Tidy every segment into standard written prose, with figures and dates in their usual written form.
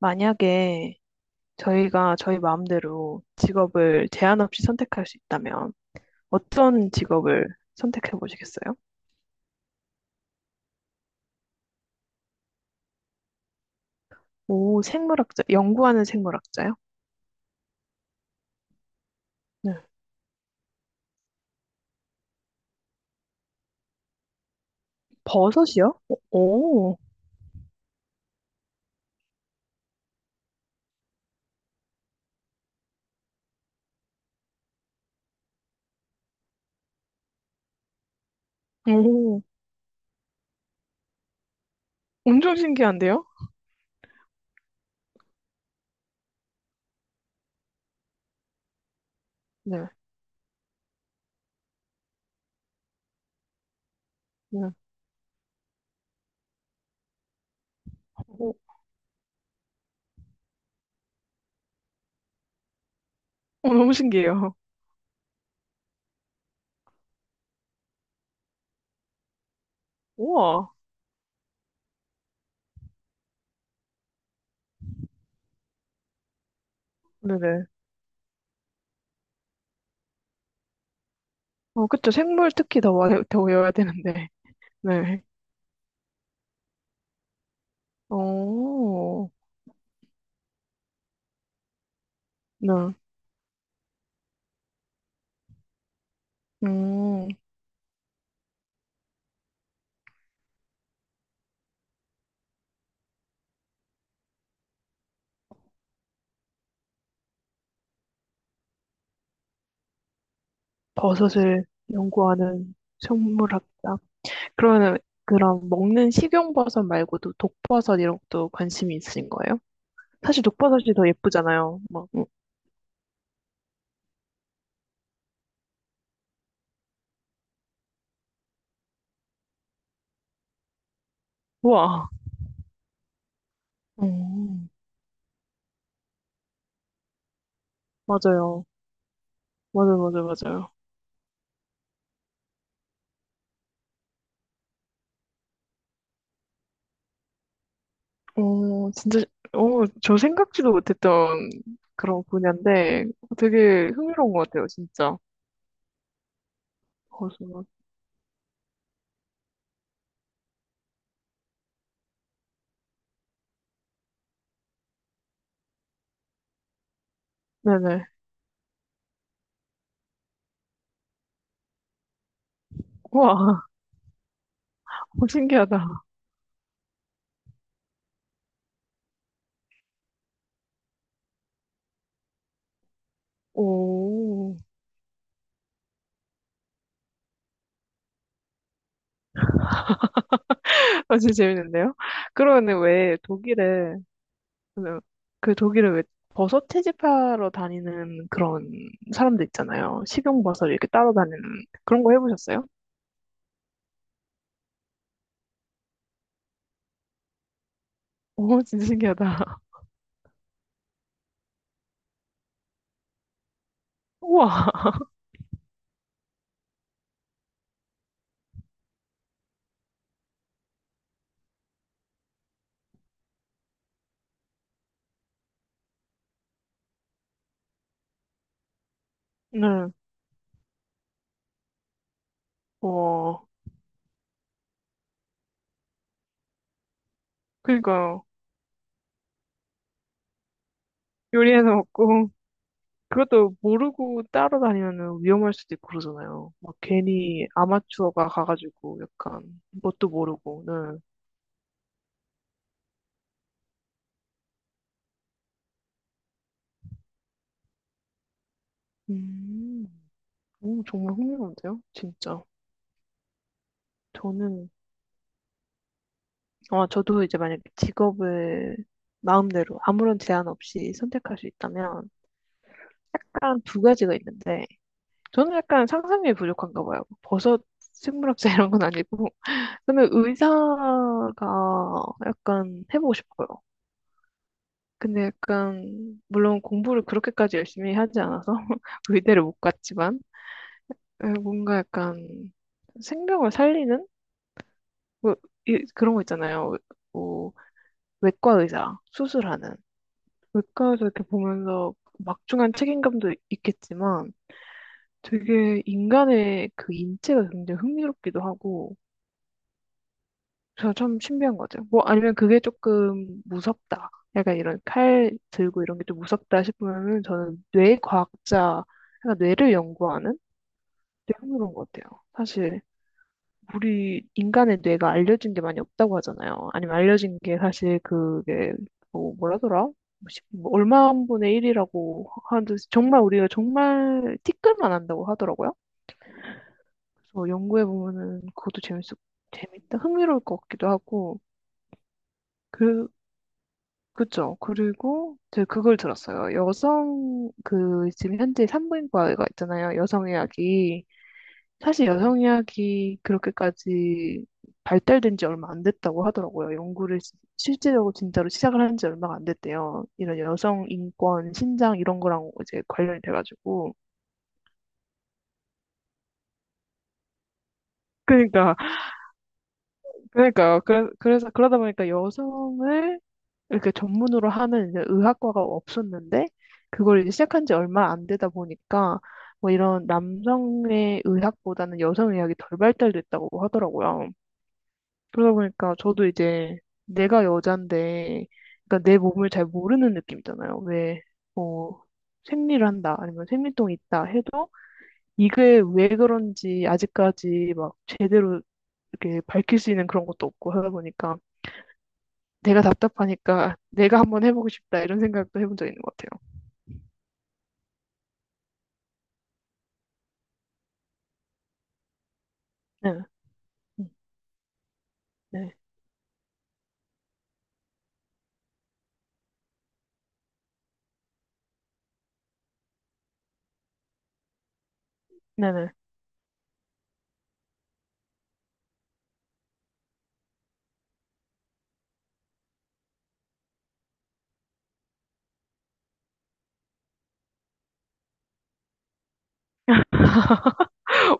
만약에 저희가 저희 마음대로 직업을 제한 없이 선택할 수 있다면 어떤 직업을 선택해 보시겠어요? 오, 생물학자, 연구하는 생물학자요? 네. 버섯이요? 오, 오, 엄청 신기한데요? 네. 네. 오, 오, 너무 신기해요. 우와. 네네. 어, 그쵸. 생물 특히 더, 더 외워야 되는데. 네. 오, 네. 음, 버섯을 연구하는 생물학자. 그러면 그럼 먹는 식용버섯 말고도 독버섯 이런 것도 관심이 있으신 거예요? 사실 독버섯이 더 예쁘잖아요. 우와. 음, 맞아요. 맞아요. 어, 진짜, 어, 생각지도 못했던 그런 분야인데 되게 흥미로운 것 같아요, 진짜. 버섯. 네네. 우와, 신기하다. 오, 아주 재밌는데요? 그러면 왜 독일에 그그 독일은 왜 버섯 채집하러 다니는 그런 사람들 있잖아요. 식용버섯 이렇게 따러 다니는 그런 거 해보셨어요? 오, 진짜 신기하다. 우와. 네. 우와. 그러니까요. 요리해서 먹고 그것도 모르고 따러 다니면 위험할 수도 있고 그러잖아요. 막 괜히 아마추어가 가가지고 약간 뭣도 모르고. 네. 음, 오, 정말 흥미로운데요? 진짜. 저는 어, 저도 이제 만약에 직업을 마음대로 아무런 제한 없이 선택할 수 있다면 딱 두 가지가 있는데 저는 약간 상상력이 부족한가 봐요. 뭐 버섯 생물학자 이런 건 아니고 저는 의사가 약간 해보고 싶어요. 근데 약간 물론 공부를 그렇게까지 열심히 하지 않아서 의대를 못 갔지만 에, 뭔가 약간 생명을 살리는 뭐, 그런 거 있잖아요. 뭐, 외과 의사 수술하는 물가에서 이렇게 보면서 막중한 책임감도 있겠지만 되게 인간의 그 인체가 굉장히 흥미롭기도 하고 제가 참 신비한 것 같아요. 뭐 아니면 그게 조금 무섭다. 약간 이런 칼 들고 이런 게 좀 무섭다 싶으면은 저는 뇌 과학자, 약간 뇌를 연구하는 되게 흥미로운 것 같아요. 사실 우리 인간의 뇌가 알려진 게 많이 없다고 하잖아요. 아니면 알려진 게 사실 그게 뭐 뭐라더라? 뭐 얼마 분의 일이라고 하는데 정말 우리가 정말 티끌만 한다고 하더라고요. 그래서 연구해 보면은 그것도 재밌어 재밌다 흥미로울 것 같기도 하고 그 그죠. 그리고 제가 그걸 들었어요. 여성 그 지금 현재 산부인과가 있잖아요. 여성의학이 사실 여성 의학이 그렇게까지 발달된 지 얼마 안 됐다고 하더라고요. 연구를 실제적으로 진짜로 시작을 한 지 얼마가 안 됐대요. 이런 여성 인권, 신장 이런 거랑 이제 관련이 돼가지고. 그러니까, 그러니까요. 그래, 그래서 그러다 보니까 여성을 이렇게 전문으로 하는 이제 의학과가 없었는데 그걸 이제 시작한 지 얼마 안 되다 보니까 뭐 이런 남성의 의학보다는 여성 의학이 덜 발달됐다고 하더라고요. 그러다 보니까 저도 이제 내가 여잔데, 그러니까 내 몸을 잘 모르는 느낌이잖아요. 왜, 뭐 생리를 한다, 아니면 생리통이 있다 해도 이게 왜 그런지 아직까지 막 제대로 이렇게 밝힐 수 있는 그런 것도 없고 하다 보니까 내가 답답하니까 내가 한번 해보고 싶다 이런 생각도 해본 적 있는 것 같아요. 네, 네, 네, 네.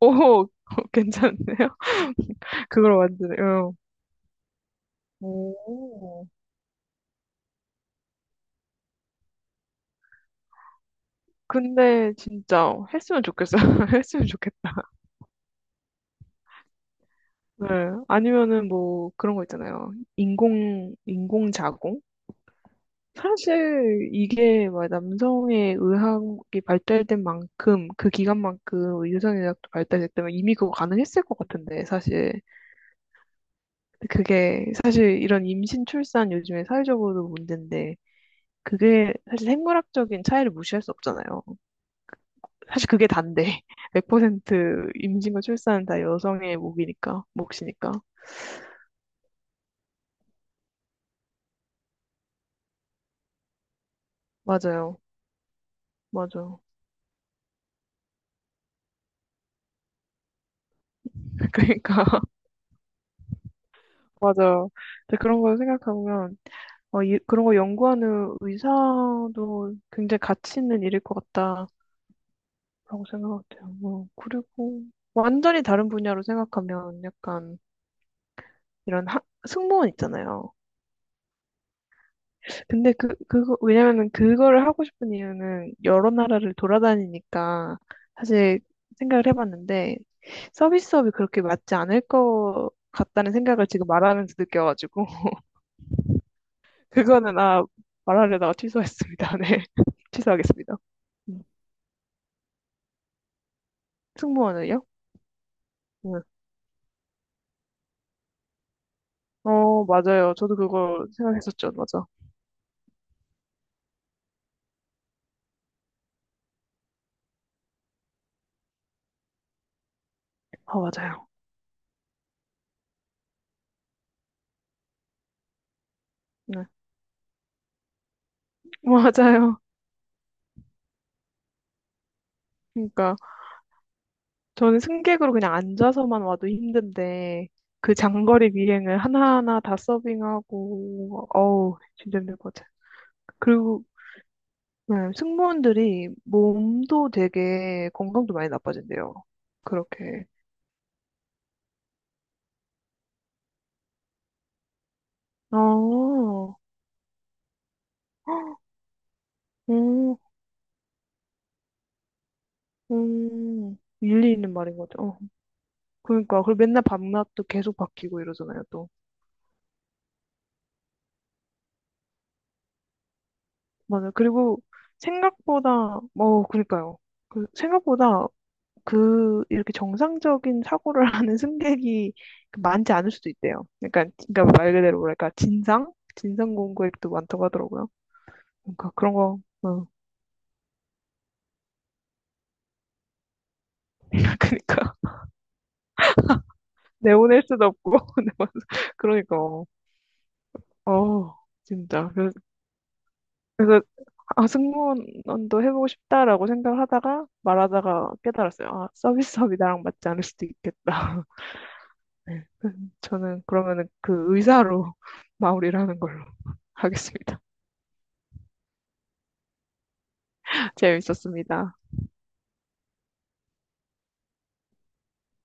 오, 괜찮네요. 그걸 완전히, 응. 오. 근데 진짜 했으면 좋겠어요. 했으면 좋겠다. 네. 아니면은 뭐 그런 거 있잖아요. 인공, 인공자공? 사실 이게 막 남성의 의학이 발달된 만큼 그 기간만큼 유전의학도 발달됐다 때문에 이미 그거 가능했을 것 같은데 사실 근데 그게 사실 이런 임신 출산 요즘에 사회적으로도 문제인데 그게 사실 생물학적인 차이를 무시할 수 없잖아요. 사실 그게 단데 100% 임신과 출산은 다 여성의 몫이니까 맞아요. 맞아. 그러니까 맞아. 근데 그런 걸 생각해보면, 어, 그런 거 연구하는 의사도 굉장히 가치 있는 일일 것 같다라고 생각해요. 어, 그리고 완전히 다른 분야로 생각하면 약간 이런 하, 승무원 있잖아요. 근데 왜냐면은 그거를 하고 싶은 이유는 여러 나라를 돌아다니니까 사실 생각을 해봤는데 서비스업이 그렇게 맞지 않을 것 같다는 생각을 지금 말하면서 느껴가지고. 그거는 아 말하려다가 취소했습니다. 네, 취소하겠습니다. 음. 승무원을요? 네. 어 맞아요. 저도 그거 생각했었죠. 맞아. 아 맞아요. 네, 맞아요. 그러니까 저는 승객으로 그냥 앉아서만 와도 힘든데 그 장거리 비행을 하나하나 다 서빙하고 어우 진짜 힘들 것 같아요. 그리고 네, 승무원들이 몸도 되게 건강도 많이 나빠진대요. 그렇게. 아, 오, 음, 일리 있는 말인 것 같아. 어, 그러니까. 그리고 맨날 밤낮도 계속 바뀌고 이러잖아요, 또. 맞아요. 그리고 생각보다, 어, 그러니까요. 생각보다 그, 이렇게 정상적인 사고를 하는 승객이 많지 않을 수도 있대요. 그러니까, 그러니까 말 그대로 뭐랄까, 진상? 진상 공격도 많다고 하더라고요. 그러니까 그런 거, 어, 그러니까. 내보낼 수도 없고. 그러니까, 어, 진짜. 그래서 승무원도 해보고 싶다라고 생각하다가 말하다가 깨달았어요. 아, 서비스업이 나랑 맞지 않을 수도 있겠다. 네. 저는 그러면은 그 의사로 마무리를 하는 걸로 하겠습니다. 재밌었습니다.